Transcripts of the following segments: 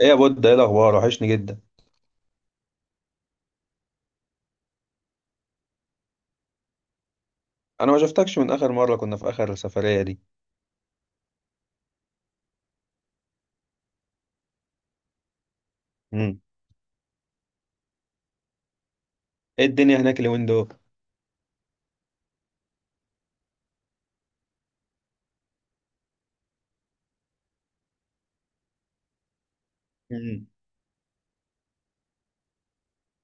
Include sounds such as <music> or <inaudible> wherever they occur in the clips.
ايه يا بود، ايه الاخبار؟ وحشني جدا. انا ما شفتكش من اخر مره كنا في اخر السفريه دي. امم ايه الدنيا هناك اليومين دول؟ امم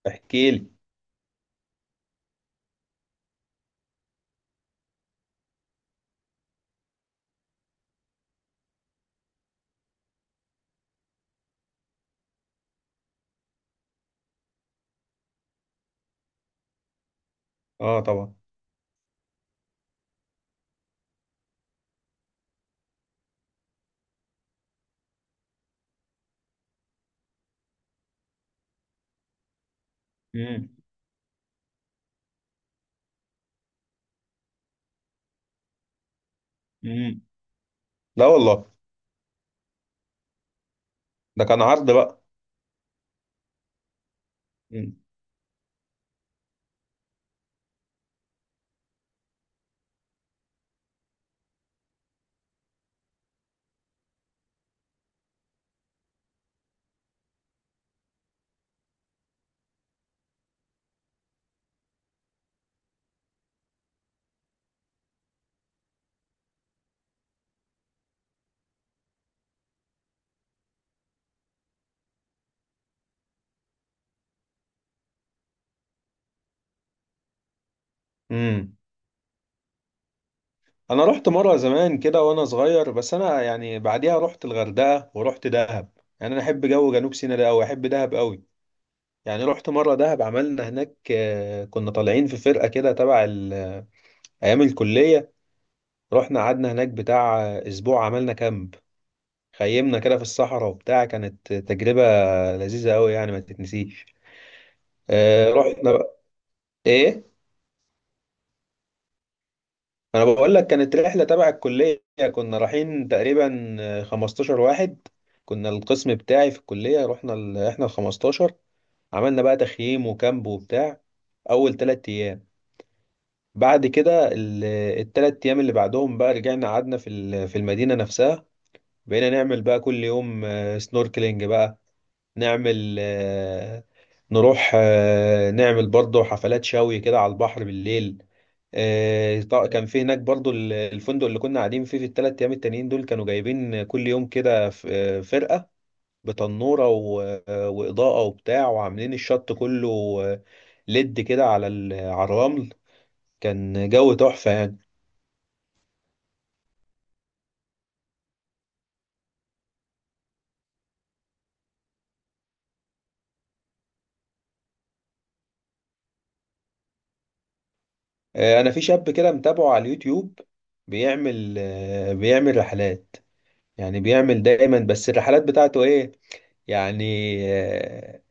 احكي لي. اه طبعا. امم امم لا والله، ده كان عرض بقى. امم امم انا رحت مره زمان كده وانا صغير، بس انا يعني بعديها رحت الغردقه ورحت دهب. يعني انا احب جو جنوب سيناء ده قوي، احب دهب قوي. يعني رحت مره دهب، عملنا هناك كنا طالعين في فرقه كده تبع ايام الكليه. رحنا قعدنا هناك بتاع اسبوع، عملنا كامب، خيمنا كده في الصحراء وبتاع. كانت تجربة لذيذة أوي، يعني ما تتنسيش. آه رحنا بقى. إيه؟ أنا بقول لك، كانت رحلة تبع الكلية، كنا رايحين تقريبا 15 واحد. كنا القسم بتاعي في الكلية، رحنا إحنا ال 15. عملنا بقى تخييم وكامب وبتاع أول تلات أيام. بعد كده التلات أيام اللي بعدهم بقى رجعنا قعدنا في المدينة نفسها. بقينا نعمل بقى كل يوم سنوركلينج بقى، نعمل نروح نعمل برضه حفلات شوي كده على البحر بالليل. كان في هناك برضه الفندق اللي كنا قاعدين فيه في الثلاث ايام التانيين دول كانوا جايبين كل يوم كده فرقة بتنورة وإضاءة وبتاع، وعاملين الشط كله آه، ليد كده على الرمل. كان جو تحفة يعني. انا في شاب كده متابعه على اليوتيوب، بيعمل بيعمل رحلات. يعني بيعمل دايما، بس الرحلات بتاعته ايه يعني؟ آه،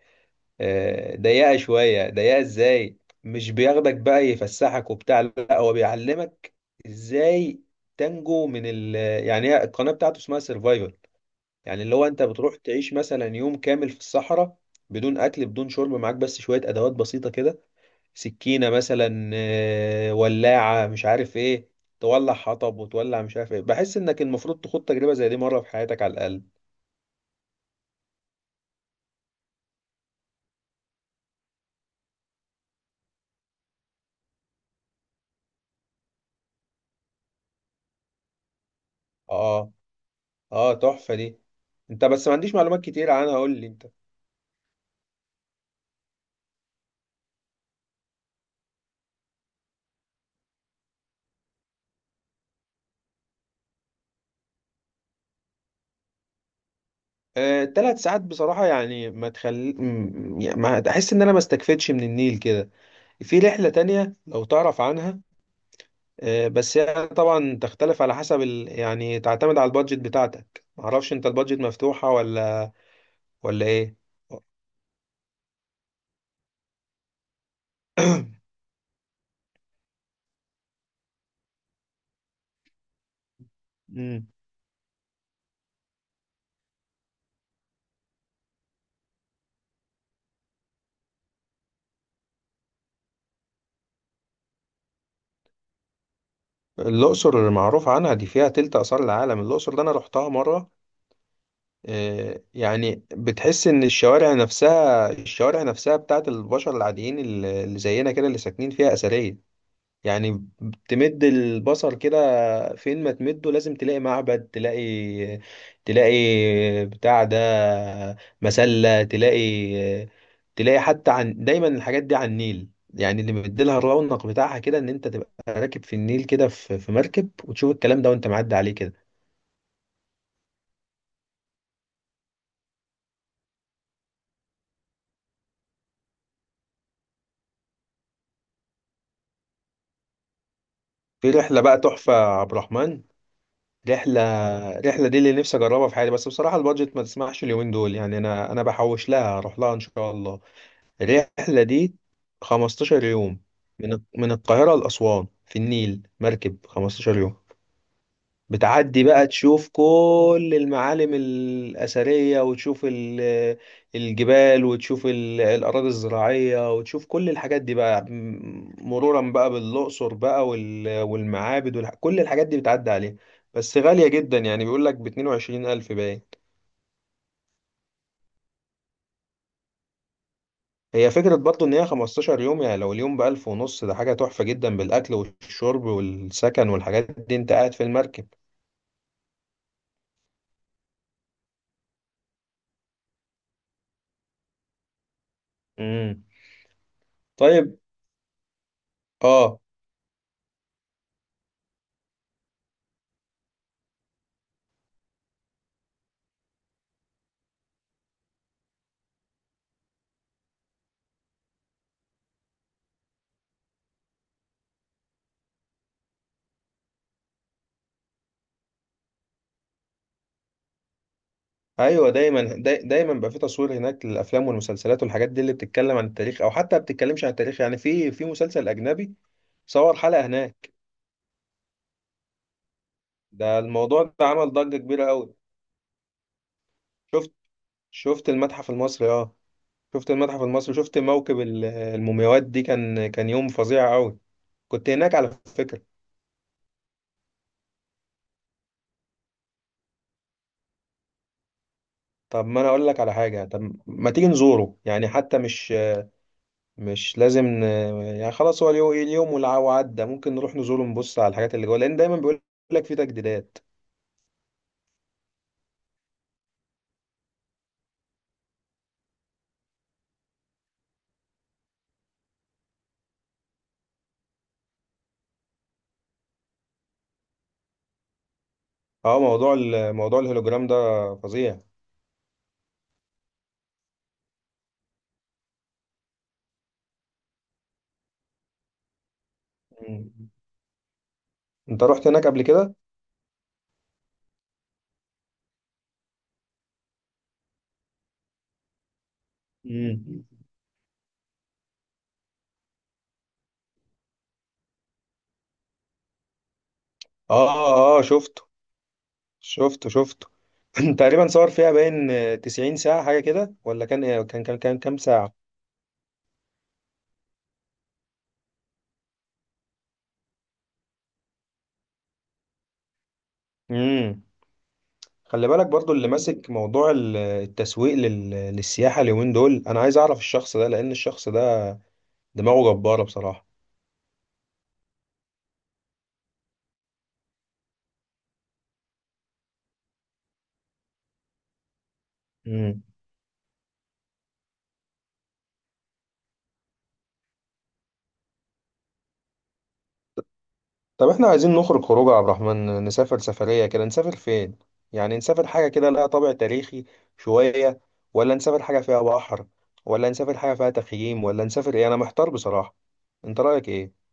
ضيقة شوية. ضيقة ازاي؟ مش بياخدك بقى يفسحك وبتاع، لا هو بيعلمك ازاي تنجو من ال... يعني هي القناة بتاعته اسمها سيرفايفل. يعني اللي هو انت بتروح تعيش مثلا يوم كامل في الصحراء بدون اكل بدون شرب، معاك بس شوية ادوات بسيطة كده، سكينة مثلا ولاعة، مش عارف ايه، تولع حطب وتولع مش عارف ايه. بحس انك المفروض تخوض تجربة زي دي مرة في حياتك على الاقل. اه. اه تحفة دي. انت بس ما عنديش معلومات كتير عنها، قول لي انت. تلات ساعات بصراحة يعني ما تخلي يعني ما احس ان انا ما استكفيتش من النيل كده. في رحلة تانية لو تعرف عنها بس هي طبعا تختلف على حسب يعني تعتمد على البادجت بتاعتك. معرفش انت البادجت مفتوحة ولا ايه؟ مم. الأقصر معروف عنها دي، فيها تلت آثار العالم. الأقصر ده أنا رحتها مرة. يعني بتحس ان الشوارع نفسها، الشوارع نفسها بتاعت البشر العاديين اللي زينا كده اللي ساكنين فيها أثرية يعني. تمد البصر كده فين ما تمده، لازم تلاقي معبد، تلاقي بتاع ده، مسلة، تلاقي حتى. عن دايما الحاجات دي على النيل يعني، اللي مديلها الرونق بتاعها كده ان انت تبقى راكب في النيل كده في مركب وتشوف الكلام ده وانت معدي عليه كده. في رحلة بقى تحفة يا عبد الرحمن. رحلة، رحلة دي اللي نفسي أجربها في حياتي، بس بصراحة البادجت ما تسمحش اليومين دول. يعني أنا بحوش لها، أروح لها إن شاء الله الرحلة دي. 15 يوم من القاهرة لأسوان في النيل مركب 15 يوم، بتعدي بقى تشوف كل المعالم الأثرية، وتشوف الجبال، وتشوف الأراضي الزراعية، وتشوف كل الحاجات دي بقى، مرورا بقى بالأقصر بقى والمعابد كل الحاجات دي بتعدي عليها. بس غالية جدا يعني، بيقول لك ب 22000 باين. هي فكرة برضو إن هي 15 يوم، يعني لو اليوم بألف ونص ده حاجة تحفة جدا، بالأكل والشرب والسكن والحاجات دي، أنت قاعد في المركب. مم. طيب. اه. ايوه دايما، دايما بقى في تصوير هناك للافلام والمسلسلات والحاجات دي اللي بتتكلم عن التاريخ، او حتى ما بتتكلمش عن التاريخ، يعني في مسلسل اجنبي صور حلقه هناك. ده الموضوع ده عمل ضجه كبيره قوي. شفت، شفت المتحف المصري؟ اه شفت المتحف المصري. شفت موكب المومياوات دي؟ كان يوم فظيع قوي، كنت هناك على فكره. طب ما انا اقول لك على حاجه، طب ما تيجي نزوره يعني، حتى مش لازم يعني خلاص هو اليوم، اليوم وعدى، ممكن نروح نزوره، نبص على الحاجات اللي جوه، لان دايما بيقول لك في تجديدات. اه موضوع موضوع الهولوجرام ده فظيع. مم. انت رحت هناك قبل كده؟ مم. اه اه. شفته شفته. <clears throat> تقريبا صور فيها باين 90 ساعة حاجة كده، ولا كان إيه؟ كان كام ساعة؟ امم خلي بالك برضو اللي ماسك موضوع التسويق للسياحة اليومين دول، انا عايز اعرف الشخص ده، لان الشخص ده دماغه جبارة بصراحة. طب احنا عايزين نخرج خروج يا عبد الرحمن، نسافر سفرية كده. نسافر فين؟ يعني نسافر حاجة كده لها طابع تاريخي شوية، ولا نسافر حاجة فيها بحر، ولا نسافر حاجة فيها تخييم، ولا نسافر ايه؟ انا محتار بصراحة. انت رأيك ايه؟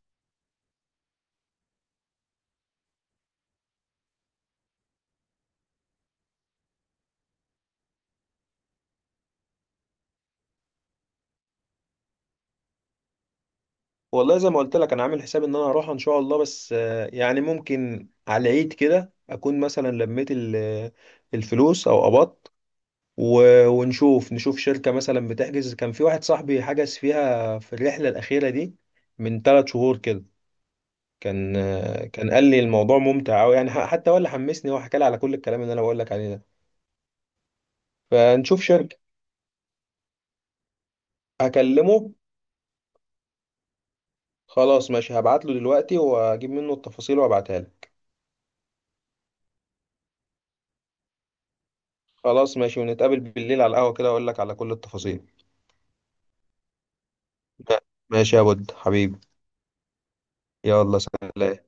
والله زي ما قلت لك، انا عامل حساب ان انا هروح ان شاء الله، بس يعني ممكن على العيد كده اكون مثلا لميت الفلوس او قبضت ونشوف، نشوف شركة مثلا بتحجز. كان في واحد صاحبي حجز فيها في الرحلة الأخيرة دي من ثلاث شهور كده، كان كان قال لي الموضوع ممتع قوي. يعني حتى هو اللي حمسني، هو حكى لي على كل الكلام اللي انا بقول لك عليه ده. فنشوف شركة، اكلمه. خلاص ماشي، هبعت له دلوقتي واجيب منه التفاصيل وابعتها لك. خلاص ماشي، ونتقابل بالليل على القهوة كده اقول لك على كل التفاصيل. ماشي يا بود حبيبي. يلا سلام.